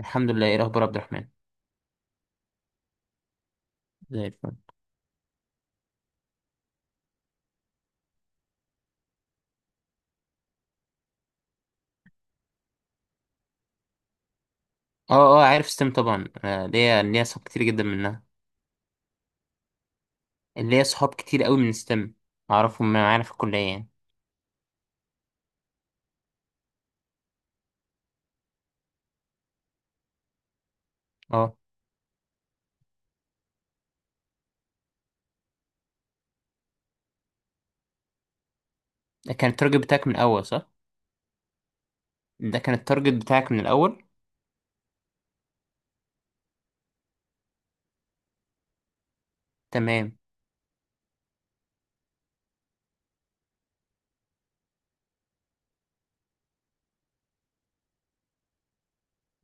الحمد لله، ايه الاخبار يا عبد الرحمن؟ زي الفل. اه اه عارف ستيم طبعا، ليا صحاب كتير جدا منها. ليا صحاب كتير قوي من ستيم، اعرفهم معانا في الكليه يعني. اه، ده كان التارجت بتاعك من الاول صح؟ ده كان التارجت بتاعك من الاول. تمام.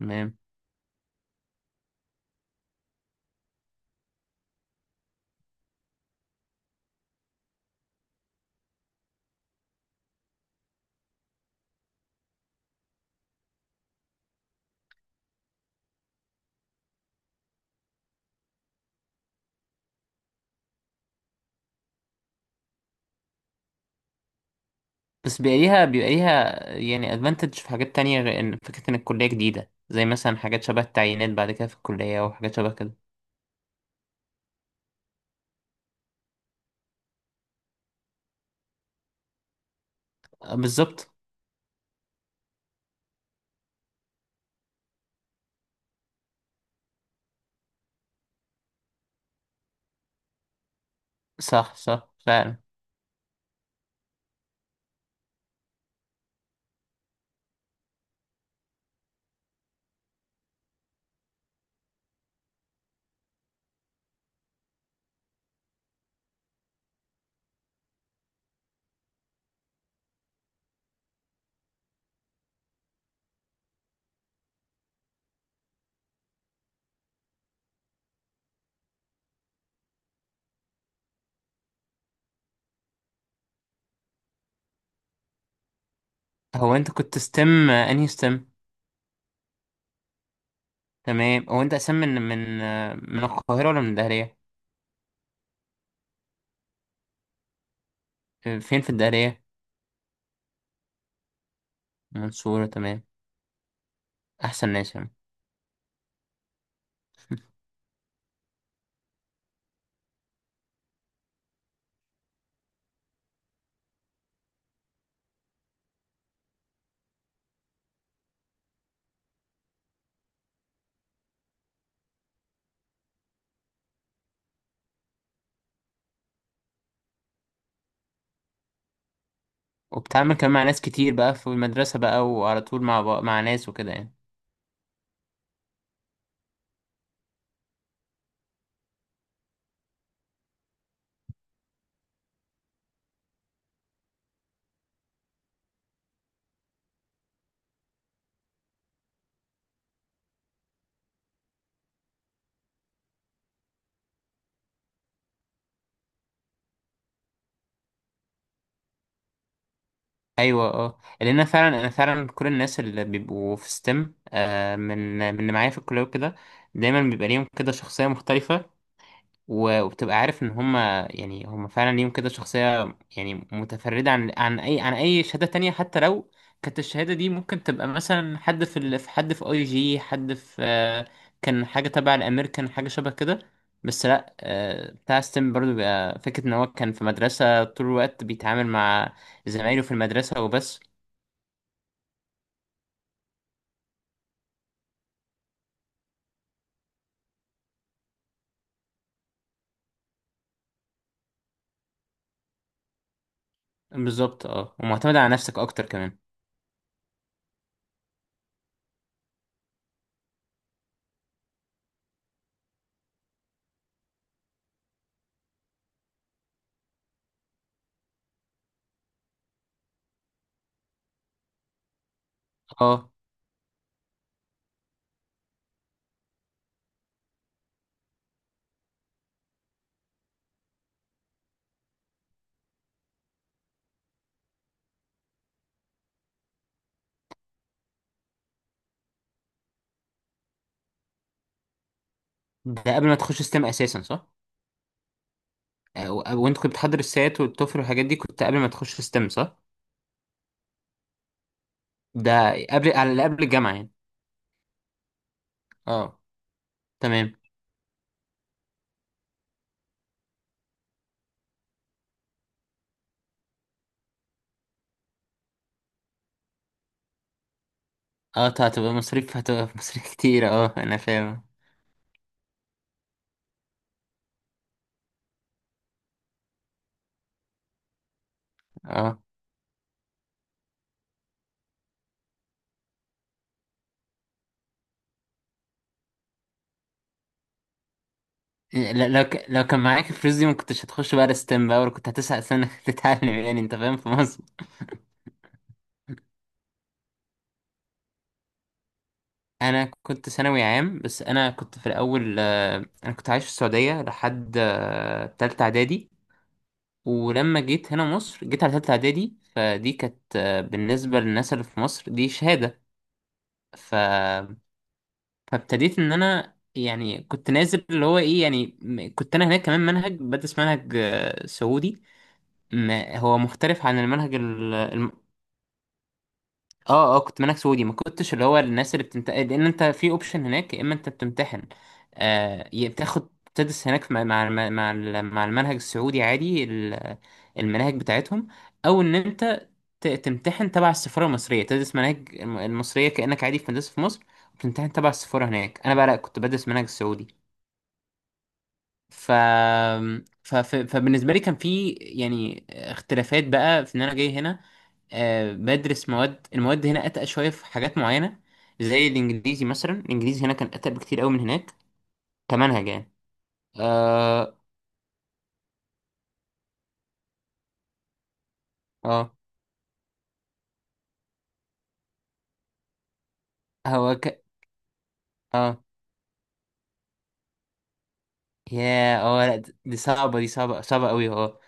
تمام. بس بيبقى ليها يعني ادفانتج في حاجات تانية، غير ان فكره ان الكليه جديده، زي مثلا حاجات شبه التعيينات بعد كده في الكليه وحاجات شبه كده. بالظبط. صح صح فعلا. هو انت كنت ستيم انهي ستيم؟ تمام. هو انت اساسا من من القاهرة ولا من الدهرية؟ فين في الدهرية؟ منصورة، تمام. احسن ناس يعني. وبتعمل كمان مع ناس كتير بقى في المدرسة بقى، وعلى طول مع بقى مع ناس وكده يعني. ايوه، اه، لان انا فعلا، انا فعلا كل الناس اللي بيبقوا في ستيم، من اللي معايا في الكلية وكده، دايما بيبقى ليهم كده شخصية مختلفة. وبتبقى عارف ان هم هم فعلا ليهم كده شخصية، يعني متفردة عن عن اي شهادة تانية، حتى لو كانت الشهادة دي ممكن تبقى مثلا في حد في اي جي، حد في كان حاجة تبع الامريكان، حاجة شبه كده. بس لا، بتاع ستيم برضو بيبقى فكرة ان هو كان في مدرسة طول الوقت بيتعامل مع زمايله في المدرسة وبس. بالظبط، اه، ومعتمد على نفسك اكتر كمان. اه، ده قبل ما تخش ستيم اساسا صح؟ وانت كنت بتحضر السات والتوفل والحاجات دي كنت قبل ما تخش ستيم صح؟ ده قبل، على قبل الجامعة يعني. اه، تمام. اه، هتبقى مصاريف، هتبقى مصاريف كتير، اه انا فاهم. اه، لو كان معاك الفلوس دي ما كنتش هتخش بقى ستيم بقى، ولا كنت هتسعى سنة تتعلم يعني انت فاهم في مصر. انا كنت ثانوي عام، بس انا كنت في الاول انا كنت عايش في السعودية لحد تالتة اعدادي. ولما جيت هنا مصر، جيت على تالتة اعدادي، فدي كانت بالنسبة للناس اللي في مصر دي شهادة. ف... فابتديت ان انا يعني كنت نازل اللي هو ايه يعني، كنت انا هناك كمان منهج، بدرس منهج سعودي. م- هو مختلف عن المنهج. اه كنت منك سعودي، ما كنتش اللي هو الناس اللي بتمتحن، لان انت في اوبشن هناك، يا اما انت بتمتحن، آه، يا بتاخد تدرس هناك مع مع مع المنهج السعودي عادي، المناهج بتاعتهم، او ان انت تمتحن تبع السفاره المصريه، تدرس مناهج المصريه كانك عادي في مدرسه في مصر، وتمتحن تبع السفاره هناك. انا بقى لا، كنت بدرس منهج السعودي. ف... فبالنسبة لي كان في يعني اختلافات بقى، في ان انا جاي هنا آه بدرس مواد، المواد هنا اتقل شوية في حاجات معينة، زي الانجليزي مثلا، الانجليزي هنا كان اتقل بكتير قوي من هناك كمنهج يعني. اه اه هو ك... اه، يا اه، لا دي صعبة، دي صعبة، صعبة قوي اه.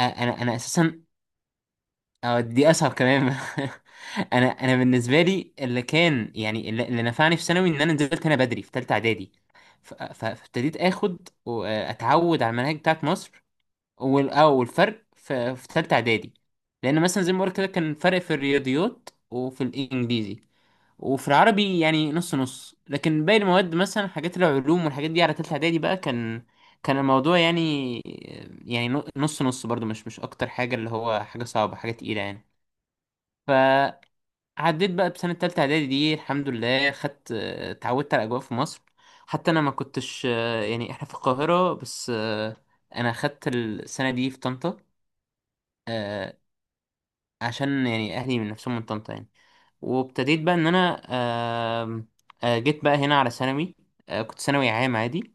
انا اساسا اه دي اصعب كمان. انا، انا بالنسبه لي اللي كان يعني، اللي نفعني في ثانوي ان انا نزلت هنا بدري في ثالثه اعدادي. فابتديت اخد واتعود على المناهج بتاعت مصر. اه، والفرق في في ثالثه اعدادي، لان مثلا زي ما قلت كده كان فرق في الرياضيات وفي الانجليزي وفي العربي يعني نص نص، لكن باقي المواد مثلا حاجات العلوم والحاجات دي على ثالثه اعدادي بقى، كان كان الموضوع يعني، يعني نص نص برضو، مش مش اكتر حاجه، اللي هو حاجه صعبه، حاجه تقيله يعني. فعديت بقى بسنة تالتة إعدادي دي، الحمد لله خدت، اتعودت على الأجواء في مصر. حتى أنا ما كنتش يعني إحنا في القاهرة بس، أنا خدت السنة دي في طنطا، آه، عشان يعني أهلي من نفسهم من طنطا يعني. وابتديت بقى إن أنا، آم، جيت بقى هنا على ثانوي، كنت ثانوي عام عادي.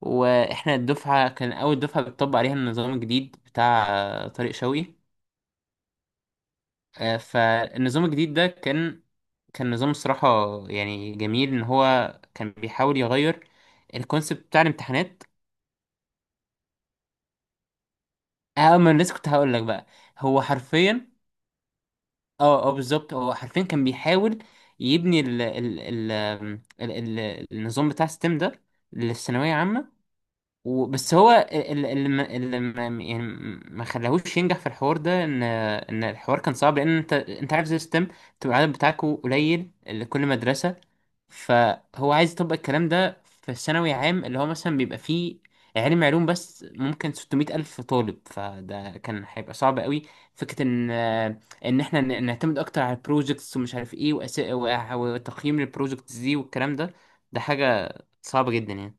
وإحنا الدفعة كان أول دفعة بتطبق عليها النظام الجديد بتاع طارق شوقي. فالنظام الجديد ده كان كان نظام الصراحة، يعني جميل إن هو كان بيحاول يغير الكونسيبت بتاع الامتحانات. اه، ما أنا لسه كنت هقول لك بقى. هو حرفيا، اه اه بالظبط، هو حرفيا كان بيحاول يبني ال النظام بتاع الستيم ده للثانوية عامة. بس هو اللي اللي ما خلاهوش ينجح في الحوار ده، ان الحوار كان صعب، لان انت عارف زي الستيم تبقى العدد بتاعكوا قليل لكل مدرسة. فهو عايز يطبق الكلام ده في ثانوي عام اللي هو مثلا بيبقى فيه علم علوم، بس ممكن 600 ألف طالب، فده كان هيبقى صعب قوي. فكرة إن إحنا نعتمد أكتر على البروجكتس ومش عارف إيه، وتقييم البروجكتس دي والكلام ده، ده حاجة صعبة جدا يعني.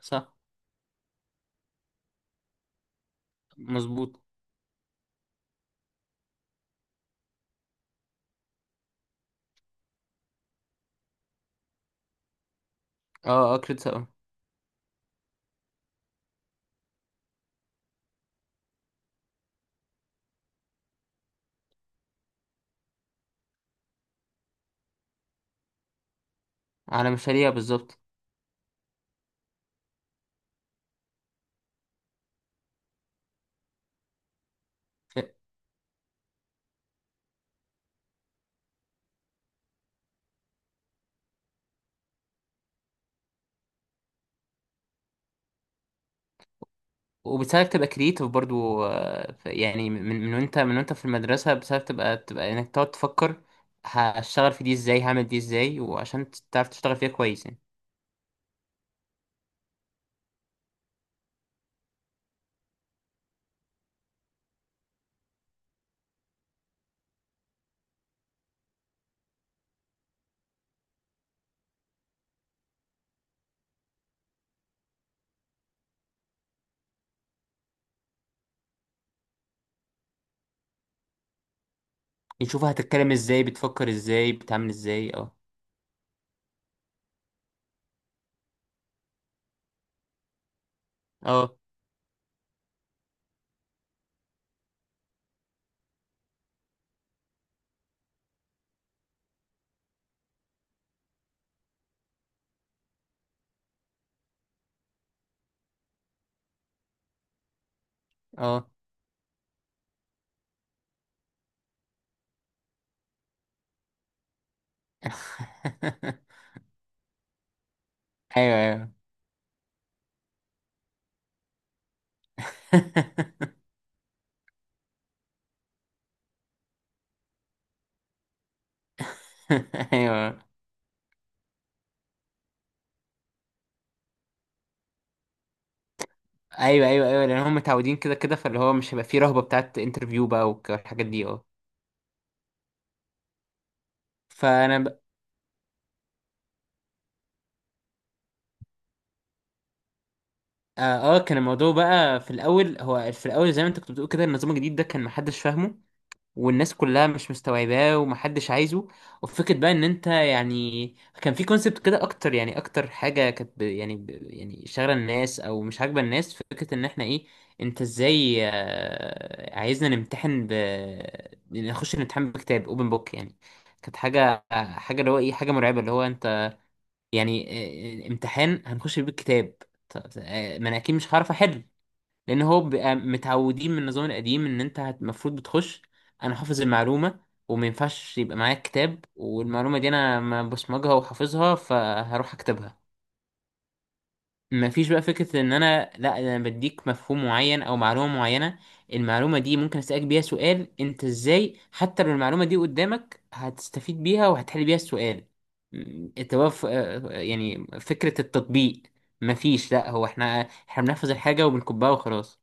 صح، مظبوط. أه كريت، على مشاريع بالظبط. وبتساعدك تبقى كرييتيف برضو، يعني من وانت في المدرسة بتساعدك تبقى انك تقعد تفكر هشتغل في دي ازاي، هعمل دي ازاي، وعشان تعرف تشتغل فيها كويس يعني. نشوف هتتكلم ازاي، بتفكر ازاي، بتعمل ازاي، اه. اه اه ايوه ايوه. ايوه ايوه ايوه لان هم متعودين كده كده، فاللي هو مش هيبقى فيه رهبة بتاعت انترفيو بقى والحاجات دي اه. فانا اه، كان الموضوع بقى في الاول، هو في الاول زي ما انت كنت بتقول كده، النظام الجديد ده كان محدش فاهمه، والناس كلها مش مستوعباه، ومحدش عايزه. وفكرة بقى ان انت يعني، كان في كونسبت كده اكتر، يعني اكتر حاجة كانت يعني يعني شاغلة الناس او مش عاجبة الناس، فكرة ان احنا ايه، انت ازاي عايزنا نمتحن نخش الامتحان بكتاب اوبن بوك يعني. كانت حاجة، حاجة اللي هو ايه، حاجة مرعبة، اللي هو انت يعني، امتحان هنخش بيه الكتاب؟ ما انا اكيد مش هعرف احل، لان هو بيبقى متعودين من النظام القديم ان انت المفروض بتخش انا حافظ المعلومه، وما ينفعش يبقى معايا كتاب والمعلومه دي انا ما بصمجها وحافظها فهروح اكتبها. مفيش بقى فكرة ان انا لا انا بديك مفهوم معين او معلومة معينة، المعلومة دي ممكن اسألك بيها سؤال انت ازاي حتى لو المعلومة دي قدامك هتستفيد بيها وهتحل بيها السؤال. م، التوف آه، يعني فكرة التطبيق. مفيش، لا هو احنا، احنا بنحفظ الحاجة وبنكبها وخلاص.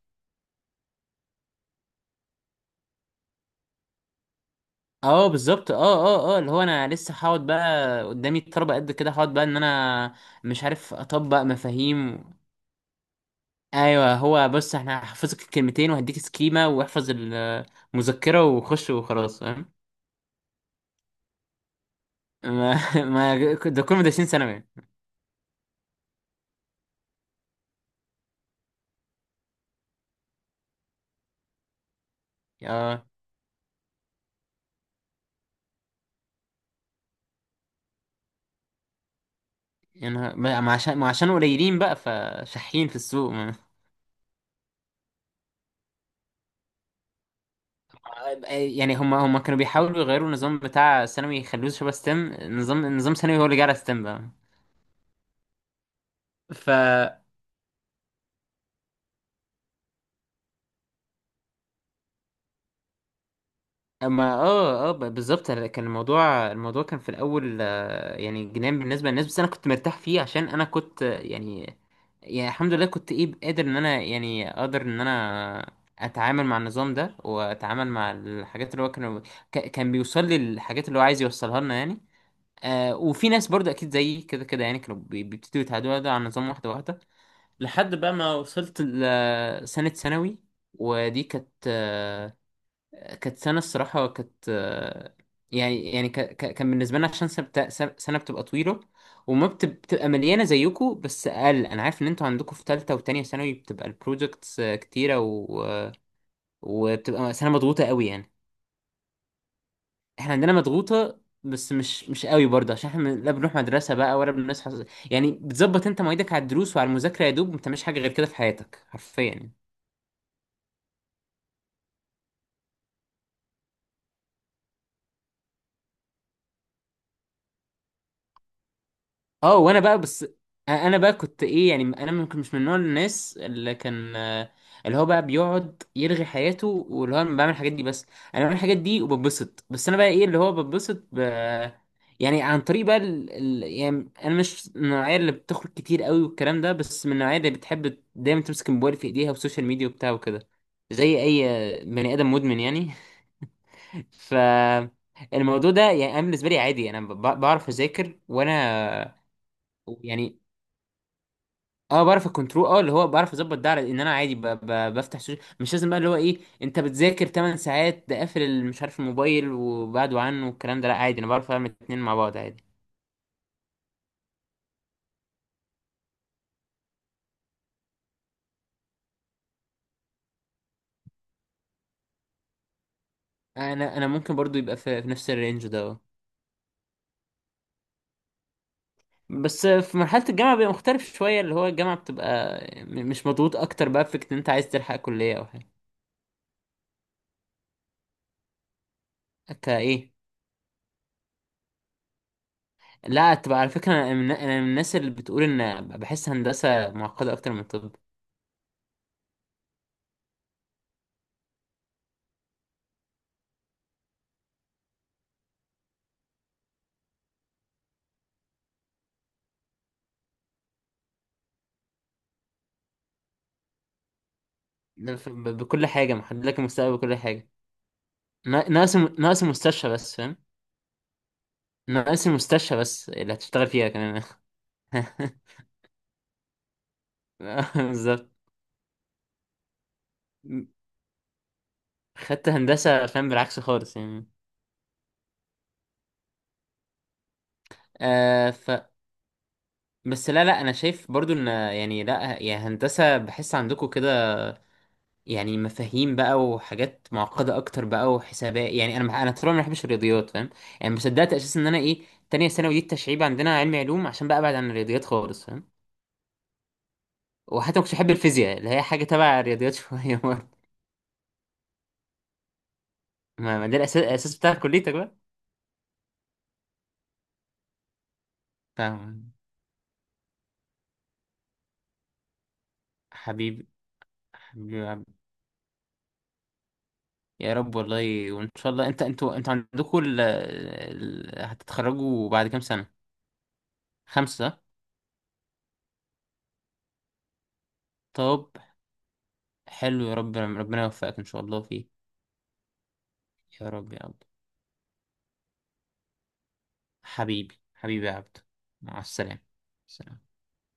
اه بالظبط، اه اللي هو انا لسه هقعد بقى قدامي الطلبة قد كده، هقعد بقى ان انا مش عارف اطبق مفاهيم. ايوه، هو بص، احنا هحفظك الكلمتين وهديك سكيمه، واحفظ المذكره وخش وخلاص فاهم. ما ما ده كل مدرسين ثانوي اه. يعني ما ما عشان ما عشان قليلين بقى، فشحين في السوق ما. يعني هم، هم كانوا بيحاولوا يغيروا النظام بتاع ثانوي يخلوه شبه ستيم، نظام، نظام ثانوي هو اللي جه على ستيم بقى. ف اما بالظبط، كان الموضوع كان في الاول، يعني جنان بالنسبه للناس، بس انا كنت مرتاح فيه عشان انا كنت يعني الحمد لله كنت ايه، قادر ان انا يعني اقدر ان انا اتعامل مع النظام ده واتعامل مع الحاجات اللي هو كان، كان بيوصل لي الحاجات اللي هو عايز يوصلها لنا يعني. آه، وفي ناس برضه اكيد زيي كده كده يعني كانوا بيبتدوا يتعودوا ده على النظام واحده واحده، لحد بقى ما وصلت لسنه ثانوي. ودي كانت، كانت سنة الصراحة، كانت يعني كان بالنسبة لنا، عشان سنة سنة بتبقى طويلة، بتبقى مليانة زيكو، بس أقل، أنا عارف إن أنتوا عندكم في تالتة وتانية ثانوي بتبقى البروجكتس كتيرة و... آه، وبتبقى سنة مضغوطة قوي يعني. إحنا عندنا مضغوطة بس مش، مش قوي برضه، عشان احنا لا بنروح مدرسة بقى ولا بنصحى، يعني بتظبط انت مواعيدك على الدروس وعلى المذاكرة، يا دوب ما بتعملش حاجة غير كده في حياتك حرفيا يعني. اه، وانا بقى بس انا بقى كنت ايه يعني، انا ممكن مش من نوع الناس اللي كان اللي هو بقى بيقعد يرغي حياته، واللي هو انا بعمل الحاجات دي بس، انا بعمل الحاجات دي وببسط. بس انا بقى ايه، اللي هو ببسط يعني عن طريق بقى يعني انا مش من النوعيه اللي بتخرج كتير قوي والكلام ده، بس من النوعيه اللي بتحب دايما تمسك الموبايل في ايديها والسوشيال ميديا وبتاع وكده، زي اي بني ادم مدمن يعني. ف الموضوع ده يعني انا بالنسبه لي عادي، انا بعرف اذاكر وانا يعني، اه بعرف الكنترول، اه اللي هو بعرف اظبط ده على ان انا عادي بفتح سوشيال، مش لازم بقى اللي هو ايه انت بتذاكر 8 ساعات ده قافل مش عارف الموبايل وبعده عنه والكلام ده، لا عادي انا بعرف اعمل اتنين مع بعض عادي. انا، انا ممكن برضو يبقى في, في نفس الرينج ده اه. بس في مرحلة الجامعة بيبقى مختلف شوية، اللي هو الجامعة بتبقى مش مضغوط اكتر بقى فكرة ان انت عايز تلحق كلية او حاجة. كايه؟ لا تبقى على فكرة انا من، انا من الناس اللي بتقول ان بحس هندسة معقدة اكتر من طب. ده بكل حاجة محدد لك المستقبل، بكل حاجة. ناقص ناقص مستشفى بس فاهم. ناقص مستشفى بس اللي هتشتغل فيها كمان. بالظبط. خدت هندسة فاهم، بالعكس خالص يعني. آه ف بس لا لا، انا شايف برضو ان، يعني لا، يا هندسة بحس عندكم كده، يعني مفاهيم بقى وحاجات معقدة اكتر بقى وحسابات، يعني انا انا طول عمري ما بحبش الرياضيات فاهم، يعني ما صدقت اساسا ان انا ايه، تانية ثانوي دي التشعيب عندنا علمي علوم عشان بقى ابعد عن الرياضيات خالص فاهم. وحتى ما كنتش بحب الفيزياء اللي هي حاجة تبع الرياضيات شوية. ما ما ده الأساس، الأساس بتاع كليتك بقى. فاهم. حبيبي، حبيبي يا عبد. يا رب والله، وإن شاء الله أنت أنتوا، أنتوا عندكوا هتتخرجوا بعد كام سنة؟ خمسة، طب حلو، يا رب ربنا يوفقك إن شاء الله فيه. يا رب يا عبد. حبيبي، حبيبي يا عبد. مع السلامة. سلام.